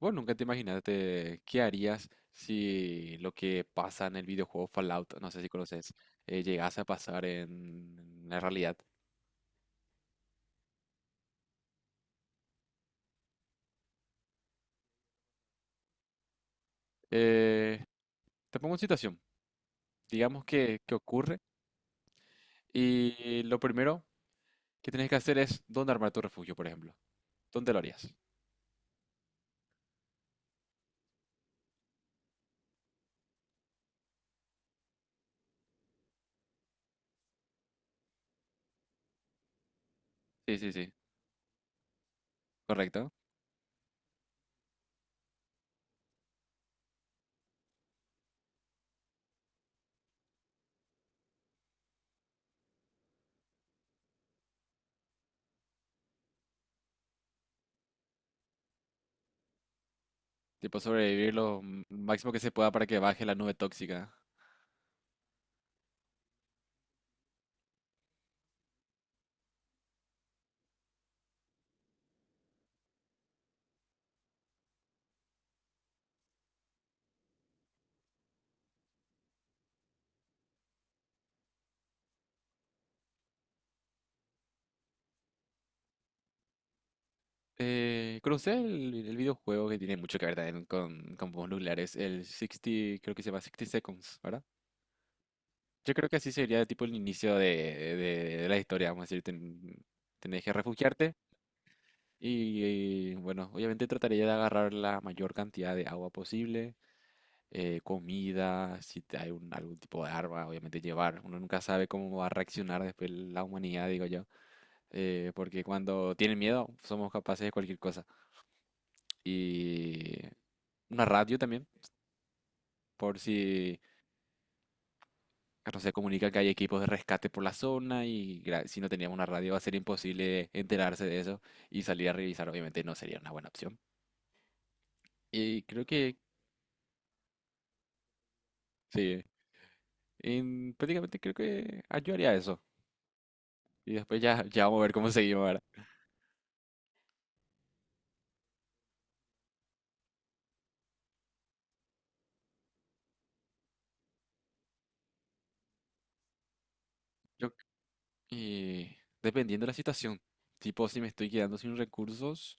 ¿Vos nunca te imaginaste qué harías si lo que pasa en el videojuego Fallout, no sé si conoces, llegase a pasar en la realidad? Eh, Te pongo en situación. Digamos que ocurre y lo primero que tenés que hacer es dónde armar tu refugio, por ejemplo. ¿Dónde lo harías? Sí, sí, sí. Correcto. Tipo sobrevivir máximo que se pueda para que baje la nube tóxica. ¿Conocés el videojuego que tiene mucho que ver también con bombas nucleares? El 60, creo que se llama 60 Seconds, ¿verdad? Yo creo que así sería tipo el inicio de la historia, vamos a decir, tenés que refugiarte y, bueno, obviamente trataría de agarrar la mayor cantidad de agua posible, comida, si te- hay algún tipo de arma, obviamente llevar. Uno nunca sabe cómo va a reaccionar después la humanidad, digo yo, porque cuando tienen miedo somos capaces de cualquier cosa. Y una radio también, por si se comunica que hay equipos de rescate por la zona si no teníamos una radio va a ser imposible enterarse de eso y salir a revisar obviamente no sería una buena opción. Y creo que sí, prácticamente creo que yo haría eso y después ya vamos a ver cómo seguimos, ¿verdad? Yo, y dependiendo de la situación, tipo si me estoy quedando sin recursos,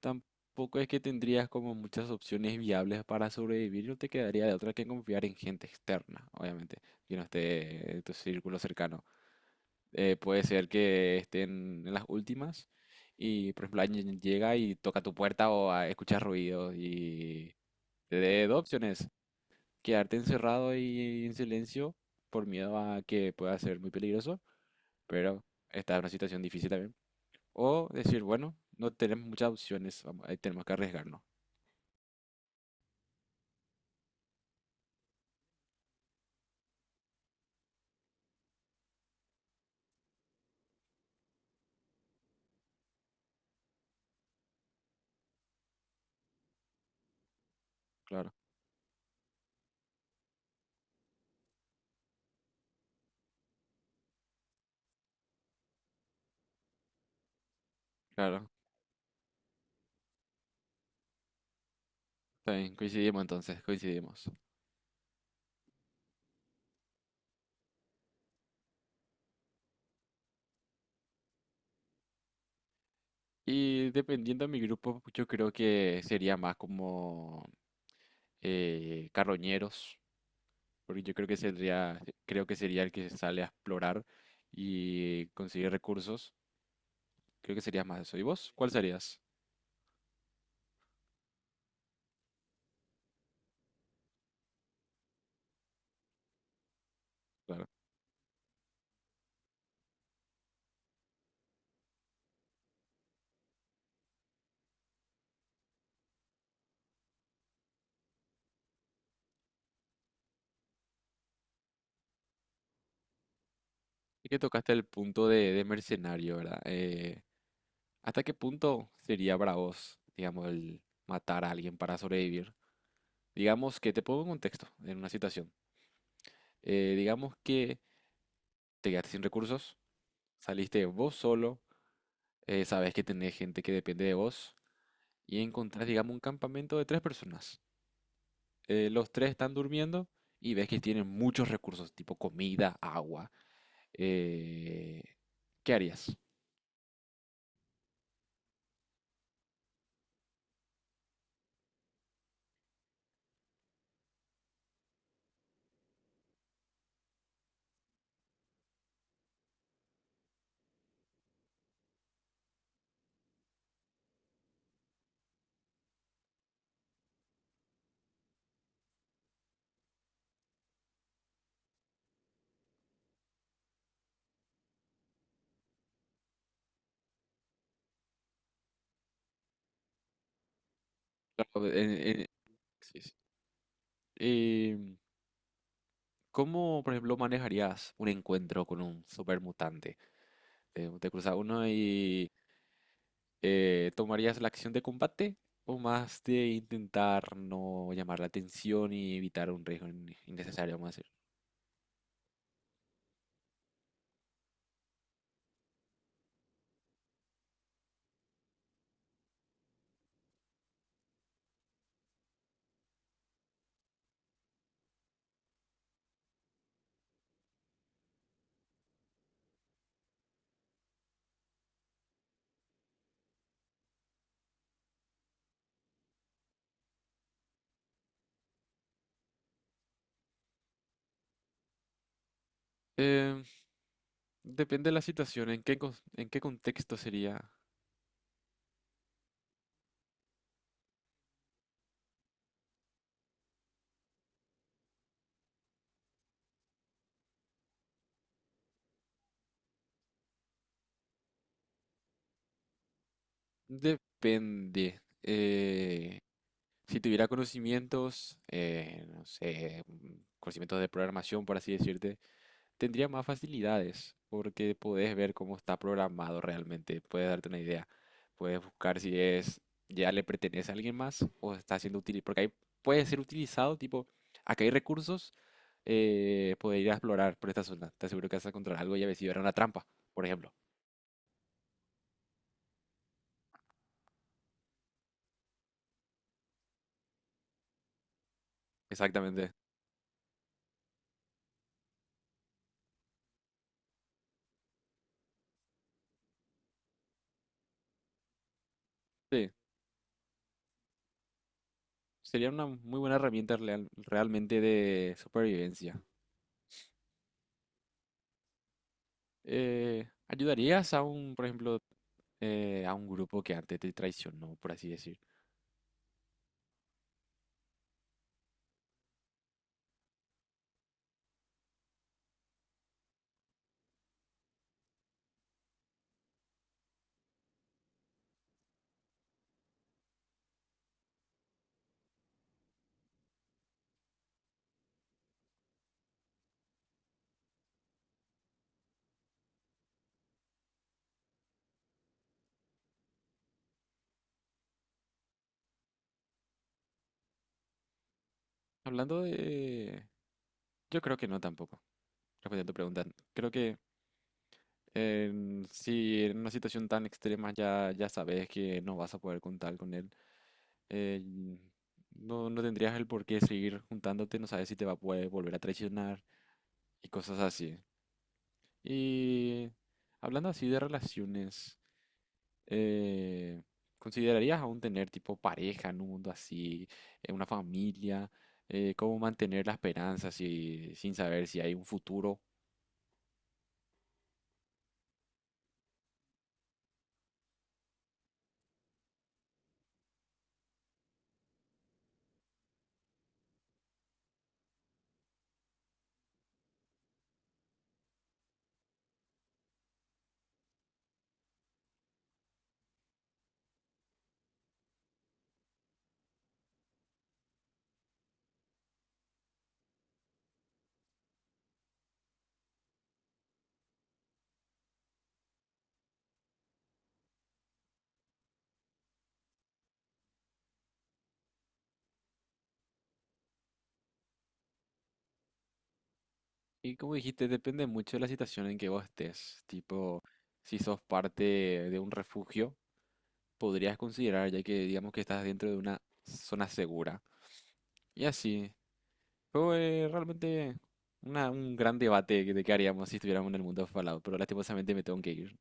tampoco es que tendrías como muchas opciones viables para sobrevivir, no te quedaría de otra que confiar en gente externa, obviamente, que no esté en tu círculo cercano. Eh, puede ser que estén en las últimas y, por ejemplo, alguien llega y toca tu puerta o escuchas ruido y te dé dos opciones, quedarte encerrado y en silencio por miedo a que pueda ser muy peligroso, pero esta es una situación difícil también. O decir, bueno, no tenemos muchas opciones, ahí tenemos que arriesgarnos. Claro, claro, está bien, coincidimos entonces, coincidimos. Y dependiendo de mi grupo, yo creo que sería más como carroñeros, porque yo creo que sería el que sale a explorar y conseguir recursos. Creo que serías más eso. ¿Y vos? ¿Cuál serías? Claro. Es que tocaste el punto de mercenario, ¿verdad? ¿Hasta qué punto sería para vos, digamos, el matar a alguien para sobrevivir? Digamos que te pongo en contexto, en una situación. Digamos que te quedaste sin recursos, saliste vos solo, sabes que tenés gente que depende de vos y encontrás, digamos, un campamento de tres personas. Los tres están durmiendo y ves que tienen muchos recursos, tipo comida, agua. eh, ¿Qué harías? Claro, en- sí, sí. Eh, ¿Cómo, por ejemplo, manejarías un encuentro con un supermutante? ¿Te cruzas uno y tomarías la acción de combate? ¿O más de intentar no llamar la atención y evitar un riesgo innecesario, vamos a decir? Eh, Depende de la situación, en qué contexto sería. Depende. Eh, si tuviera conocimientos, no sé, conocimientos de programación, por así decirte. Tendría más facilidades porque podés ver cómo está programado realmente, puedes darte una idea, puedes buscar si es ya le pertenece a alguien más o está siendo utilizado, porque ahí puede ser utilizado, tipo, acá hay recursos, poder ir a explorar por esta zona, te aseguro que vas a encontrar algo y a ver si era una trampa, por ejemplo. Exactamente. Sí, sería una muy buena realmente de supervivencia. ¿Ayudarías a un, por ejemplo, a un grupo que antes te traicionó, por así decir? Hablando de... Yo creo que no tampoco, respondiendo a tu pregunta. Creo que si en una situación tan extrema ya, ya sabes que no vas a poder contar con él, eh, no, no tendrías el por qué seguir juntándote, no sabes si te va a poder volver a traicionar y cosas así. Y hablando así de relaciones, eh, ¿considerarías aún tener tipo pareja en un mundo así, una familia? ¿Cómo mantener la esperanza sin saber si hay un futuro? Y como dijiste, depende mucho de la situación en que vos estés. Tipo, si sos parte de un refugio, podrías considerar, ya que digamos que estás dentro de una zona segura. Y así, fue realmente un gran debate de qué haríamos si estuviéramos en el mundo Fallout, pero lastimosamente me tengo que ir.